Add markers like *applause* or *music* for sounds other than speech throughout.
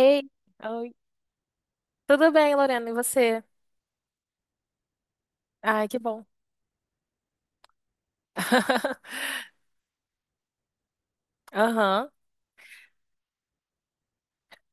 Ei, oi. Tudo bem, Lorena? E você? Ai, que bom. *laughs* Aham.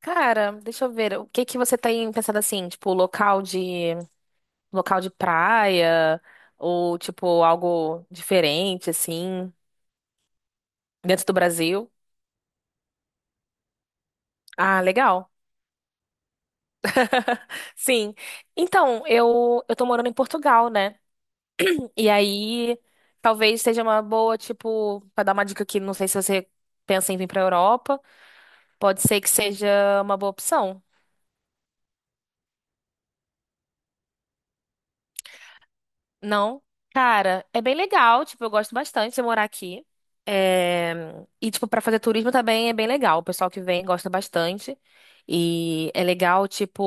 Cara, deixa eu ver. O que que você tem pensado, assim, tipo, local de praia ou tipo algo diferente, assim, dentro do Brasil? Ah, legal. *laughs* Sim. Então, eu tô morando em Portugal, né? E aí talvez seja uma boa, tipo, pra dar uma dica aqui, não sei se você pensa em vir pra Europa, pode ser que seja uma boa opção. Não. Cara, é bem legal, tipo, eu gosto bastante de morar aqui. É, e, tipo, pra fazer turismo também é bem legal. O pessoal que vem gosta bastante. E é legal, tipo,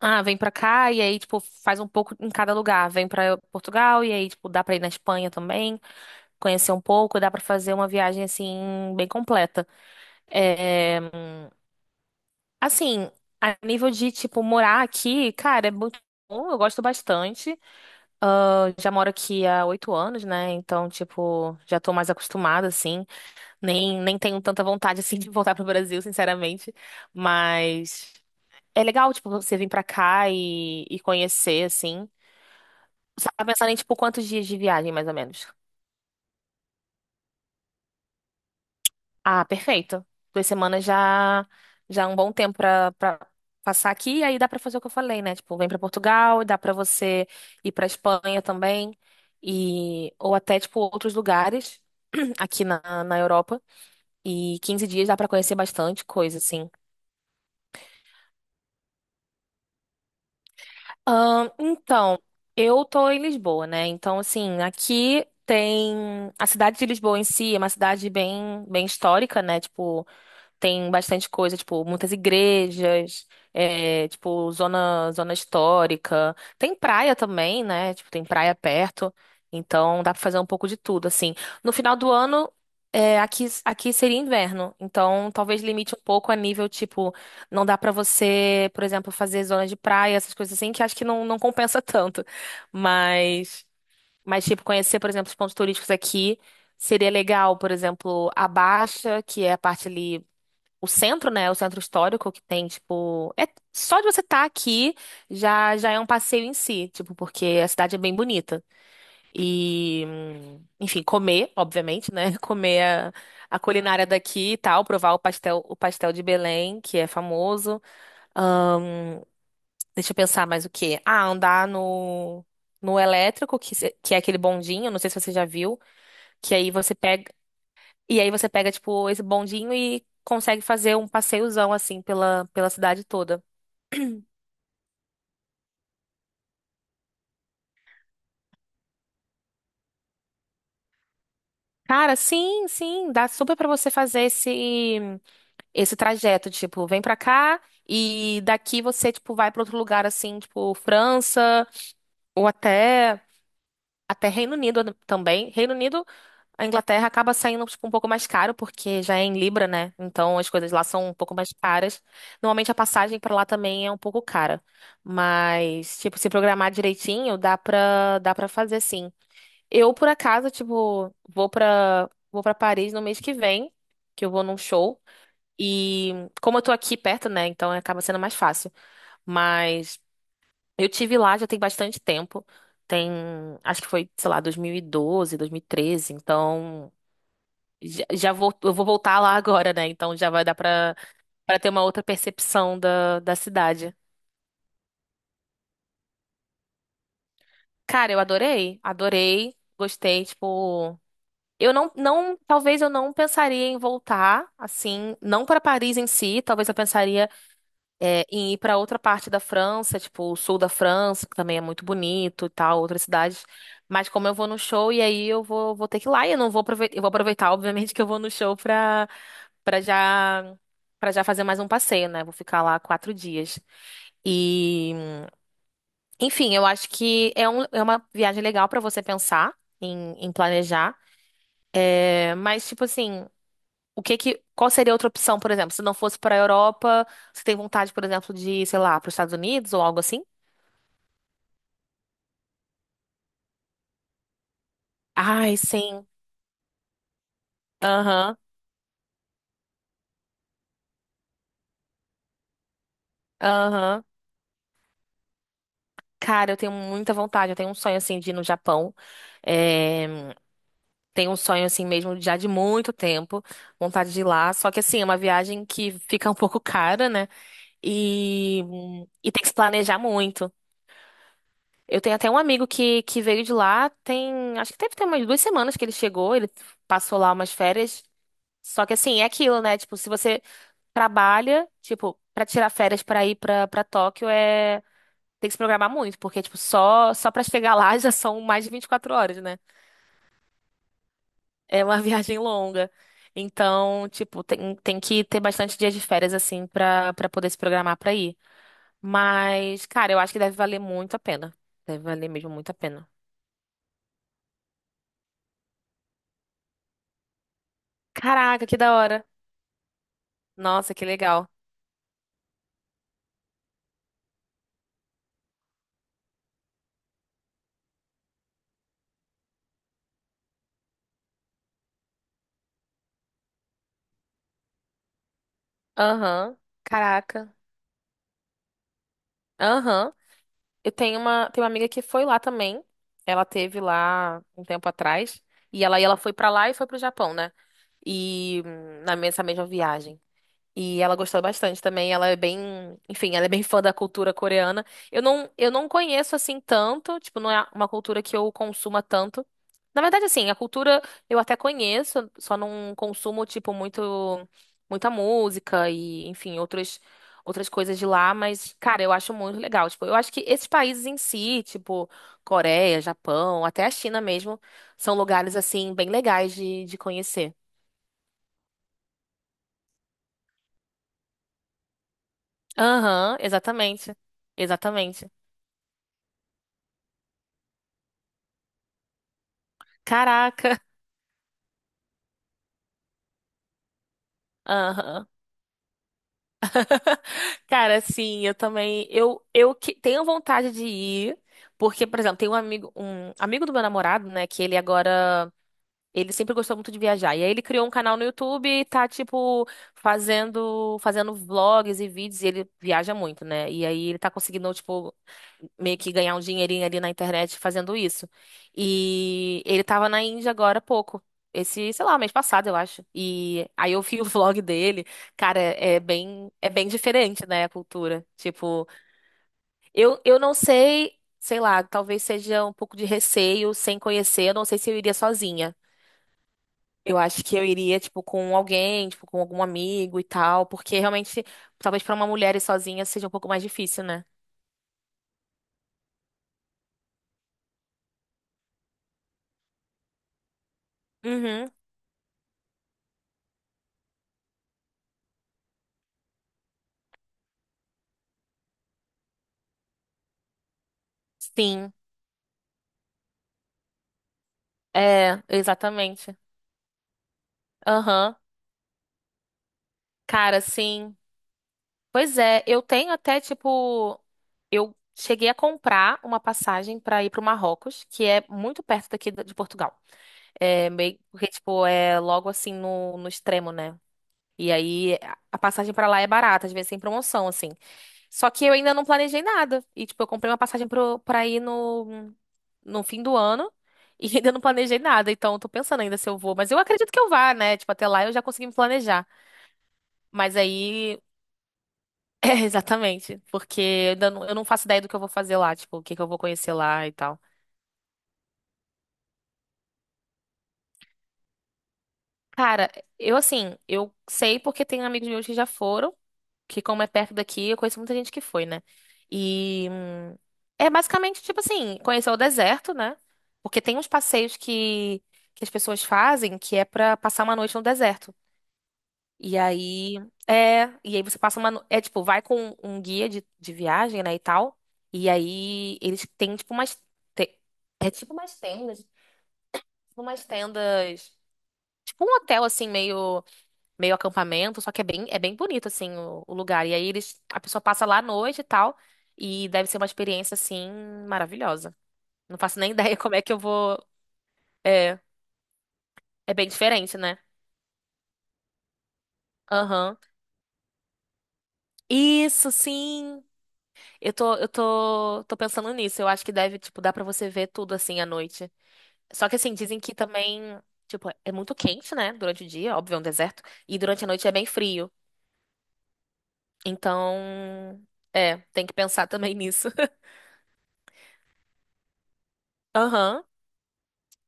ah, vem pra cá e aí, tipo, faz um pouco em cada lugar. Vem pra Portugal e aí, tipo, dá pra ir na Espanha também, conhecer um pouco, dá pra fazer uma viagem, assim, bem completa. É, assim, a nível de, tipo, morar aqui, cara, é muito bom, eu gosto bastante. Já moro aqui há 8 anos, né? Então, tipo, já tô mais acostumada, assim. Nem tenho tanta vontade, assim, *laughs* de voltar pro Brasil, sinceramente. Mas é legal, tipo, você vir pra cá e conhecer, assim. Você tá pensando em, tipo, quantos dias de viagem, mais ou menos? Ah, perfeito. 2 semanas já é um bom tempo pra para passar aqui e aí dá pra fazer o que eu falei, né? Tipo, vem pra Portugal, dá pra você ir pra Espanha também e ou até tipo outros lugares *clears throat* aqui na Europa e 15 dias dá pra conhecer bastante coisa, assim. Então, eu tô em Lisboa, né? Então, assim, aqui tem a cidade de Lisboa em si, é uma cidade bem bem histórica, né? Tipo, tem bastante coisa, tipo, muitas igrejas, é, tipo, zona histórica. Tem praia também, né? Tipo, tem praia perto. Então dá pra fazer um pouco de tudo, assim. No final do ano, é, aqui seria inverno. Então talvez limite um pouco a nível, tipo, não dá pra você, por exemplo, fazer zona de praia, essas coisas assim, que acho que não, não compensa *laughs* tanto. Mas, mas, tipo, conhecer, por exemplo, os pontos turísticos aqui. Seria legal, por exemplo, a Baixa, que é a parte ali, o centro, né? O centro histórico que tem, tipo, é só de você estar aqui, já é um passeio em si, tipo, porque a cidade é bem bonita. E, enfim, comer, obviamente, né? *laughs* Comer a, a culinária daqui e tal, provar o pastel de Belém, que é famoso. Deixa eu pensar mais o quê? Ah, andar no elétrico, que, que é aquele bondinho, não sei se você já viu, que aí você pega e aí você pega tipo esse bondinho e consegue fazer um passeiozão, assim, pela cidade toda. Cara, sim, sim, dá super pra você fazer esse trajeto, tipo, vem pra cá e daqui você tipo vai pra outro lugar, assim, tipo França ou até Reino Unido também. Reino Unido, a Inglaterra acaba saindo tipo um pouco mais caro porque já é em libra, né? Então as coisas lá são um pouco mais caras. Normalmente a passagem pra lá também é um pouco cara, mas tipo se programar direitinho, dá para fazer, sim. Eu, por acaso, tipo, vou pra Paris no mês que vem, que eu vou num show. E como eu tô aqui perto, né? Então acaba sendo mais fácil. Mas eu tive lá já tem bastante tempo. Tem, acho que foi, sei lá, 2012, 2013. Então eu vou voltar lá agora, né? Então já vai dar pra ter uma outra percepção da cidade. Cara, eu adorei, adorei, gostei, tipo. Eu não, não, talvez eu não pensaria em voltar, assim, não para Paris em si, talvez eu pensaria, em ir para outra parte da França, tipo o sul da França, que também é muito bonito e tal, outras cidades. Mas como eu vou no show e aí eu vou ter que ir lá e eu não vou aproveitar, eu vou aproveitar, obviamente, que eu vou no show, para para já já fazer mais um passeio, né? Vou ficar lá 4 dias. E, enfim, eu acho que é uma viagem legal para você pensar em planejar. É, mas, tipo assim. O que que, qual seria outra opção, por exemplo, se não fosse para a Europa, você tem vontade, por exemplo, de, sei lá, para os Estados Unidos ou algo assim? Ai, sim. Aham, aham. Cara, eu tenho muita vontade, eu tenho um sonho, assim, de ir no Japão. É, tenho um sonho assim mesmo, já de muito tempo, vontade de ir lá. Só que, assim, é uma viagem que fica um pouco cara, né? E, e, tem que se planejar muito. Eu tenho até um amigo que veio de lá, tem, acho que deve ter umas 2 semanas que ele chegou, ele passou lá umas férias. Só que, assim, é aquilo, né? Tipo, se você trabalha, tipo, pra tirar férias pra ir pra Tóquio é, tem que se programar muito, porque tipo, só para chegar lá *laughs* já são mais de 24 horas, né? É uma *laughs* viagem longa. Então, tipo, tem que ter bastante dias de férias, assim, pra para poder se programar pra ir. Mas, cara, eu acho que deve valer muito a pena. Deve valer mesmo muito a pena. Caraca, que da hora. Nossa, que legal. Aham. Caraca. Aham. Eu tenho uma amiga que foi lá também. Ela teve lá um tempo atrás. E ela foi pra lá e foi pro Japão, né? E, na mesma, essa mesma viagem. E ela gostou bastante também. Ela é bem, enfim, ela é bem fã da cultura coreana. Eu não conheço, assim, tanto, tipo, não é uma cultura que eu consuma tanto. Na verdade, assim, a cultura eu até conheço, só não consumo, tipo, muito, muita música e, enfim, outros, outras coisas de lá, mas, cara, eu acho muito legal. Tipo, eu acho que esses países em si, tipo, Coreia, Japão, até a China mesmo, são lugares, assim, bem legais de conhecer. Aham, exatamente. Exatamente. Caraca. *laughs* Aham. Cara, assim, eu também, eu tenho vontade de ir, porque, por exemplo, tem um amigo do meu namorado, né, que ele agora ele sempre gostou muito de viajar. E aí ele criou um canal no YouTube e tá, tipo, fazendo vlogs e vídeos. E ele viaja muito, né? E aí ele tá conseguindo, tipo, meio que ganhar um dinheirinho ali na internet fazendo isso. E ele tava na Índia agora há pouco. Esse, sei lá, mês passado, eu acho. E aí eu vi o *laughs* vlog dele. Cara, é bem diferente, né, a cultura. Tipo, eu não sei, sei lá, talvez seja um pouco de receio sem conhecer. Eu não sei se eu iria sozinha. Eu acho que eu iria, tipo, com alguém, tipo, com algum amigo e tal, porque realmente, talvez pra uma mulher ir sozinha seja um pouco mais difícil, né? Uhum, sim, é, exatamente. Aham, cara, sim. Pois é, eu tenho até, tipo, eu cheguei a comprar uma passagem pra ir pro Marrocos, que é muito perto daqui de Portugal. É meio, porque, tipo, é logo, assim, no extremo, né? E aí a passagem pra lá é barata, às vezes sem promoção, assim. Só que eu ainda não planejei nada. E, tipo, eu comprei uma passagem pra ir no fim do ano e *laughs* ainda não planejei nada. Então, eu tô pensando ainda se eu vou. Mas eu acredito que eu vá, né? Tipo, até lá eu já consegui me planejar. Mas aí. *laughs* É, exatamente. Porque eu, ainda não, eu não faço ideia do que eu vou fazer lá. Tipo, o que que eu vou conhecer lá e tal. Cara, eu, assim, eu sei porque tem amigos meus que já foram. Que como é perto daqui, eu conheço muita gente que foi, né? E, é basicamente tipo assim, conhecer o deserto, né? Porque tem uns passeios que as pessoas fazem que é pra passar uma noite no deserto. E aí e aí você passa uma, no- é tipo, vai com um guia de viagem, né, e tal. E aí eles têm tipo umas te- é tipo umas tendas, tipo um hotel, assim, meio acampamento, só que é bem bonito, assim, o lugar. E aí eles, a pessoa passa lá à noite e tal, e deve ser uma experiência, assim, maravilhosa. Não faço nem *laughs* ideia como é que eu vou. É, é bem diferente, né? Aham. Isso, sim. Eu tô pensando nisso. Eu acho que deve, tipo, dar pra você ver tudo, assim, à noite. Só que, assim, dizem que também, tipo, é muito quente, né? Durante o dia, óbvio, é um deserto. E durante a noite é bem frio. Então, tem que pensar também nisso. *laughs* Aham.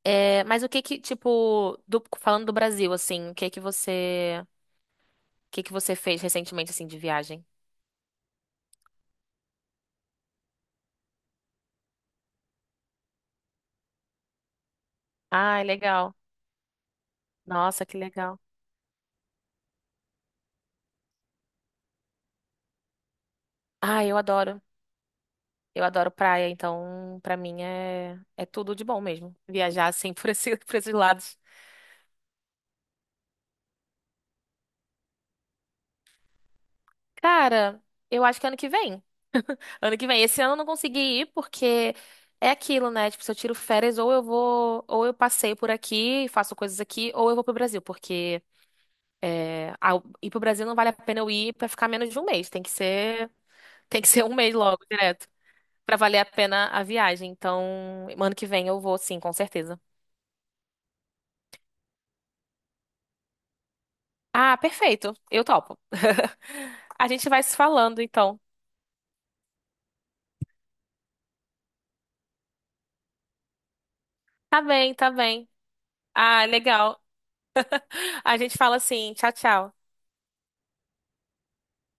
É, mas o que que, tipo, falando do Brasil, assim, o que que você fez recentemente, assim, de viagem? Ai, legal. Nossa, que legal. Ai, eu adoro. Eu adoro praia, então, pra mim é tudo de bom mesmo. Viajar, assim, *laughs* por esse, por esses lados. Cara, eu acho que ano que vem. Ano que vem. Esse ano eu não consegui ir porque é aquilo, né? Tipo, se eu tiro férias, ou eu vou, ou eu passeio por aqui, faço coisas aqui, ou eu vou pro Brasil, porque. Ah, ir pro Brasil não vale a pena eu ir pra ficar menos de um mês. Tem que ser um mês logo, direto, pra valer a pena a viagem. Então, ano que vem eu vou, sim, com certeza. Ah, perfeito. Eu topo. *laughs* A gente vai se falando, então. Tá bem, tá bem. Ah, legal. *laughs* A gente fala, assim, tchau, tchau.